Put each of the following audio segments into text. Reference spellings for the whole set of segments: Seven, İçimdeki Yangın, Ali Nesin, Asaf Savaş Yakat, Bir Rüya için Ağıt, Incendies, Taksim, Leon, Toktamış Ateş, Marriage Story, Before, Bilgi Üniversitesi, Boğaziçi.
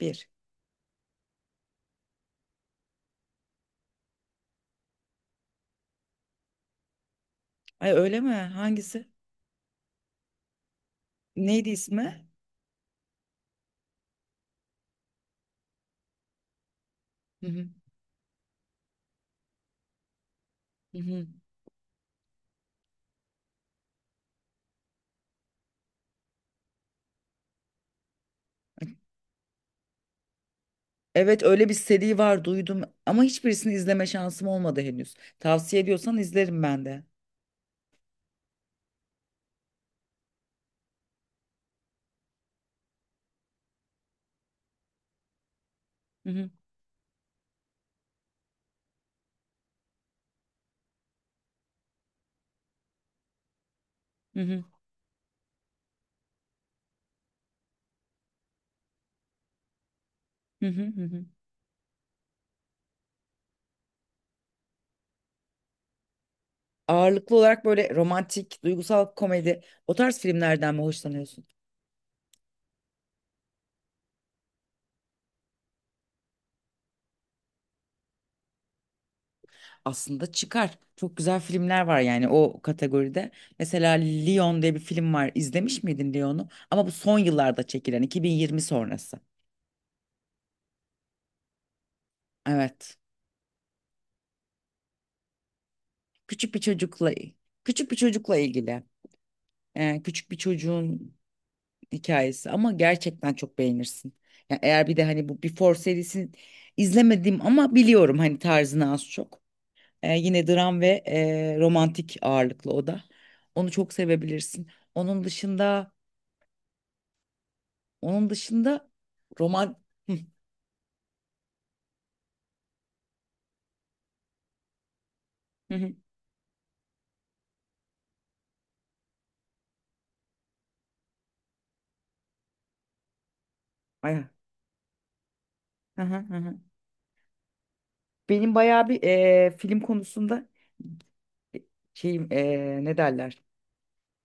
Bir. Ay, öyle mi? Hangisi? Neydi ismi? Hı hı. Hı hı. Evet, öyle bir seri var, duydum ama hiçbirisini izleme şansım olmadı henüz. Tavsiye ediyorsan izlerim ben de. Hı hı. Hı hı. Hı hı. Hı hı. Ağırlıklı olarak böyle romantik, duygusal komedi o tarz filmlerden mi hoşlanıyorsun? Aslında çıkar. Çok güzel filmler var yani o kategoride. Mesela Leon diye bir film var. İzlemiş miydin Leon'u? Ama bu son yıllarda çekilen 2020 sonrası. Evet. küçük bir çocukla küçük bir çocukla ilgili küçük bir çocuğun hikayesi ama gerçekten çok beğenirsin. Yani eğer bir de hani bu Before serisini izlemedim ama biliyorum hani tarzını az çok. Yine dram ve romantik ağırlıklı o da. Onu çok sevebilirsin. Onun dışında onun dışında roman Hı, hı, hı. Ay, hı, hı, hı, hı. Benim bayağı bir film konusunda şeyim, ne derler?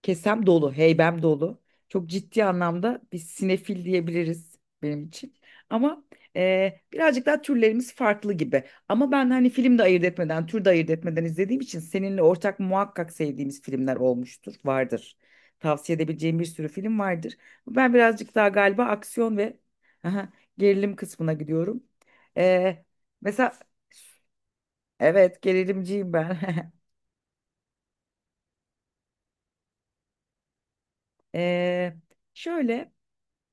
Kesem dolu, heybem dolu. Çok ciddi anlamda bir sinefil diyebiliriz benim için. Ama birazcık daha türlerimiz farklı gibi. Ama ben hani film de ayırt etmeden, tür de ayırt etmeden izlediğim için seninle ortak muhakkak sevdiğimiz filmler olmuştur, vardır. Tavsiye edebileceğim bir sürü film vardır. Ben birazcık daha galiba aksiyon ve aha, gerilim kısmına gidiyorum. E, Mesela, evet, gerilimciyim ben. E, Şöyle.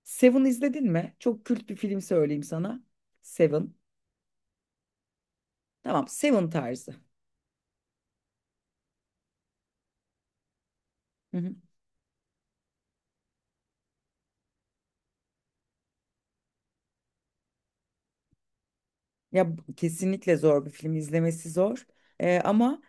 Seven izledin mi? Çok kült bir film söyleyeyim sana. Seven. Tamam, Seven tarzı. Hı hı. Ya bu- kesinlikle zor bir film, izlemesi zor. Ama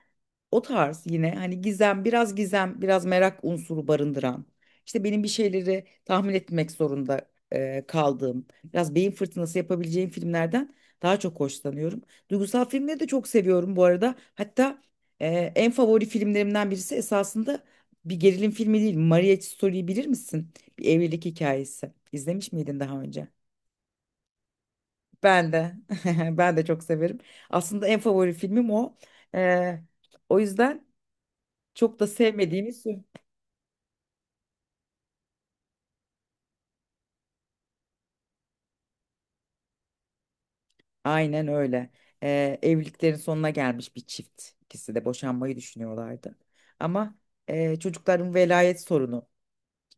o tarz yine hani gizem, biraz gizem, biraz merak unsuru barındıran, işte benim bir şeyleri tahmin etmek zorunda kaldığım, biraz beyin fırtınası yapabileceğim filmlerden daha çok hoşlanıyorum. Duygusal filmleri de çok seviyorum bu arada. Hatta e, en favori filmlerimden birisi esasında bir gerilim filmi değil. Marriage Story'yi bilir misin? Bir evlilik hikayesi. İzlemiş miydin daha önce? Ben de. Ben de çok severim. Aslında en favori filmim o. E, o yüzden. Çok da sevmediğimiz. Aynen öyle. Evliliklerin sonuna gelmiş bir çift. İkisi de boşanmayı düşünüyorlardı. Ama çocukların velayet sorunu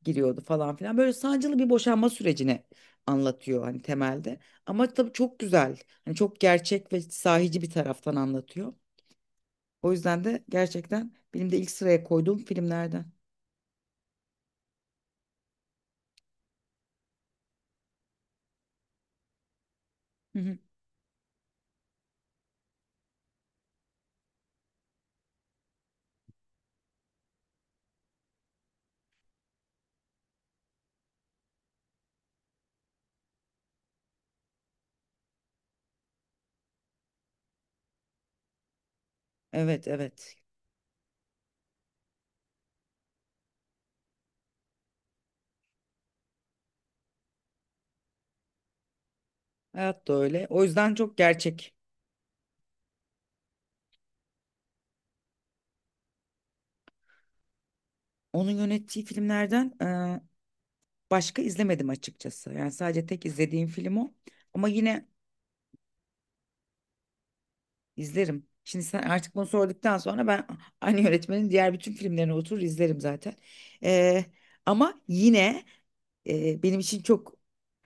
giriyordu falan filan. Böyle sancılı bir boşanma sürecini anlatıyor hani temelde. Ama tabii çok güzel. Hani çok gerçek ve sahici bir taraftan anlatıyor. O yüzden de gerçekten benim de ilk sıraya koyduğum filmlerden. Hı hı. Evet, evet. Hayat da öyle. O yüzden çok gerçek. Onun yönettiği filmlerden başka izlemedim açıkçası. Yani sadece tek izlediğim film o. Ama yine izlerim. Şimdi sen artık bunu sorduktan sonra ben aynı yönetmenin diğer bütün filmlerini oturur izlerim zaten. Ee, Ama yine benim için çok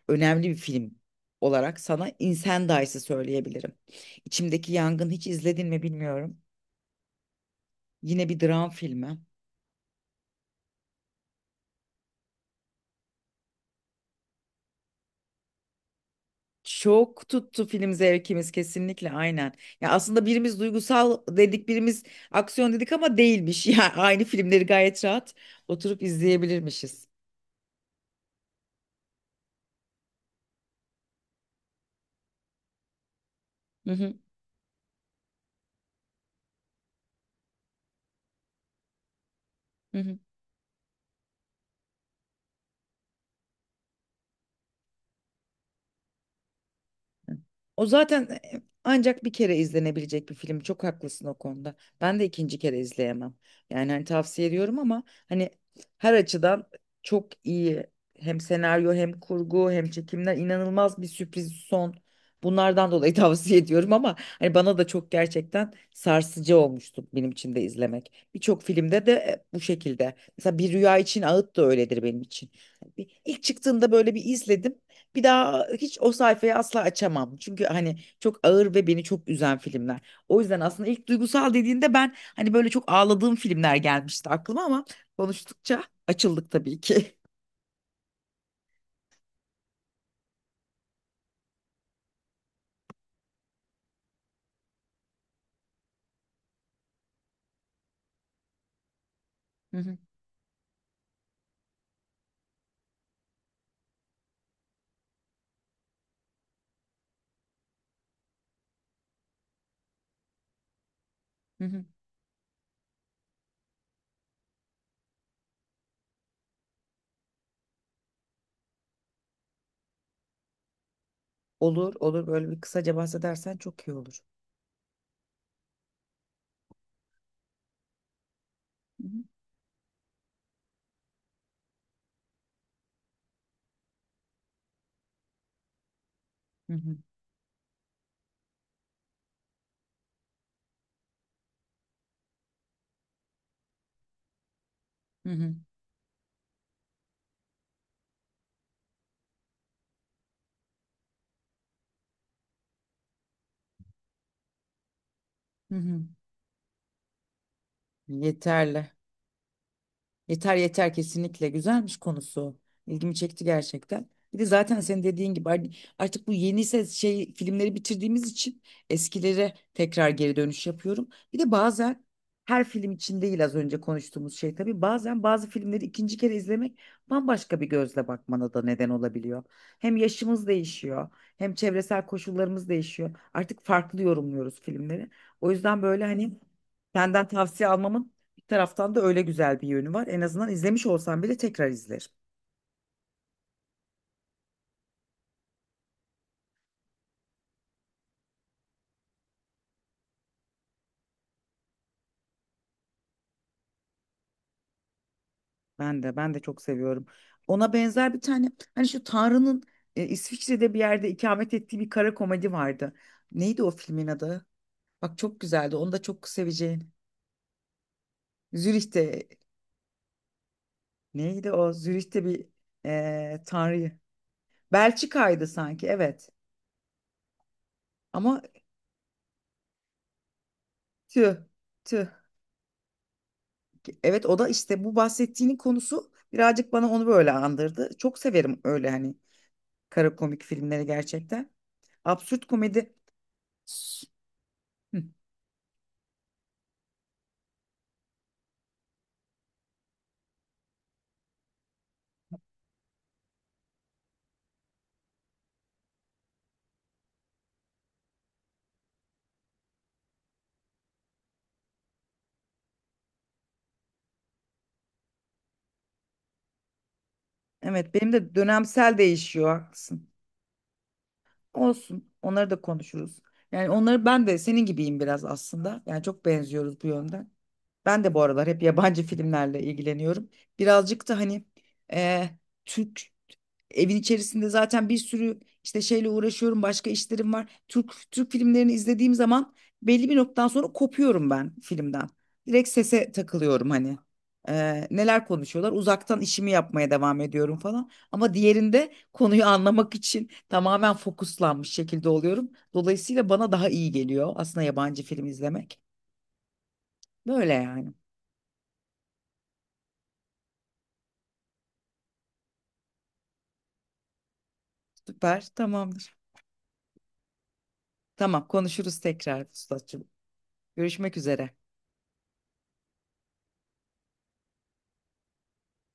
önemli bir film olarak sana Incendies'ı söyleyebilirim. İçimdeki Yangın, hiç izledin mi bilmiyorum. Yine bir dram filmi. Çok tuttu film zevkimiz, kesinlikle, aynen. Ya aslında birimiz duygusal dedik, birimiz aksiyon dedik ama değilmiş. Yani aynı filmleri gayet rahat oturup izleyebilirmişiz. Hı hı, hı hı. O zaten ancak bir kere izlenebilecek bir film. Çok haklısın o konuda. Ben de ikinci kere izleyemem. Yani hani tavsiye ediyorum ama hani her açıdan çok iyi. Hem senaryo hem kurgu hem çekimler, inanılmaz bir sürpriz son. Bunlardan dolayı tavsiye ediyorum ama hani bana da çok gerçekten sarsıcı olmuştu, benim için de izlemek. Birçok filmde de bu şekilde. Mesela Bir Rüya için Ağıt da öyledir benim için. Hani, İlk çıktığında böyle bir izledim. Bir daha hiç o sayfayı asla açamam. Çünkü hani çok ağır ve beni çok üzen filmler. O yüzden aslında ilk duygusal dediğinde ben hani böyle çok ağladığım filmler gelmişti aklıma ama konuştukça açıldık tabii ki. Hı hı, hı hı. Olur, olur. Böyle bir kısaca bahsedersen çok iyi olur. Hı hı, hı hı, hı hı, hı hı. Yeterli. Yeter, yeter, kesinlikle güzelmiş konusu. İlgimi çekti gerçekten. Bir de zaten senin dediğin gibi hani artık bu yeni ses şey filmleri bitirdiğimiz için eskilere tekrar geri dönüş yapıyorum. Bir de bazen her film için değil, az önce konuştuğumuz şey, tabii bazen bazı filmleri ikinci kere izlemek bambaşka bir gözle bakmana da neden olabiliyor. Hem yaşımız değişiyor, hem çevresel koşullarımız değişiyor. Artık farklı yorumluyoruz filmleri. O yüzden böyle hani senden tavsiye almamın taraftan da öyle güzel bir yönü var. En azından izlemiş olsam bile tekrar izlerim. Ben de çok seviyorum. Ona benzer bir tane hani şu Tanrı'nın İsviçre'de bir yerde ikamet ettiği bir kara komedi vardı. Neydi o filmin adı? Bak, çok güzeldi. Onu da çok seveceğin. Zürih'te neydi o? Zürih'te bir Tanrı'yı. Belçika'ydı sanki, evet. Ama tüh, tüh. Evet, o da işte bu bahsettiğinin konusu birazcık bana onu böyle andırdı. Çok severim öyle hani kara komik filmleri gerçekten. Absürt komedi. S- Hı. Evet, benim de dönemsel değişiyor. Haklısın. Olsun. Onları da konuşuruz. Yani onları ben de senin gibiyim biraz aslında. Yani çok benziyoruz bu yönden. Ben de bu aralar hep yabancı filmlerle ilgileniyorum. Birazcık da hani eh, Türk evin içerisinde zaten bir sürü işte şeyle uğraşıyorum, başka işlerim var. Türk filmlerini izlediğim zaman belli bir noktadan sonra kopuyorum ben filmden. Direkt sese takılıyorum hani. Neler konuşuyorlar? Uzaktan işimi yapmaya devam ediyorum falan. Ama diğerinde konuyu anlamak için tamamen fokuslanmış şekilde oluyorum. Dolayısıyla bana daha iyi geliyor aslında yabancı film izlemek. Böyle yani. Süper, tamamdır. Tamam, konuşuruz tekrar ustacığım. Görüşmek üzere.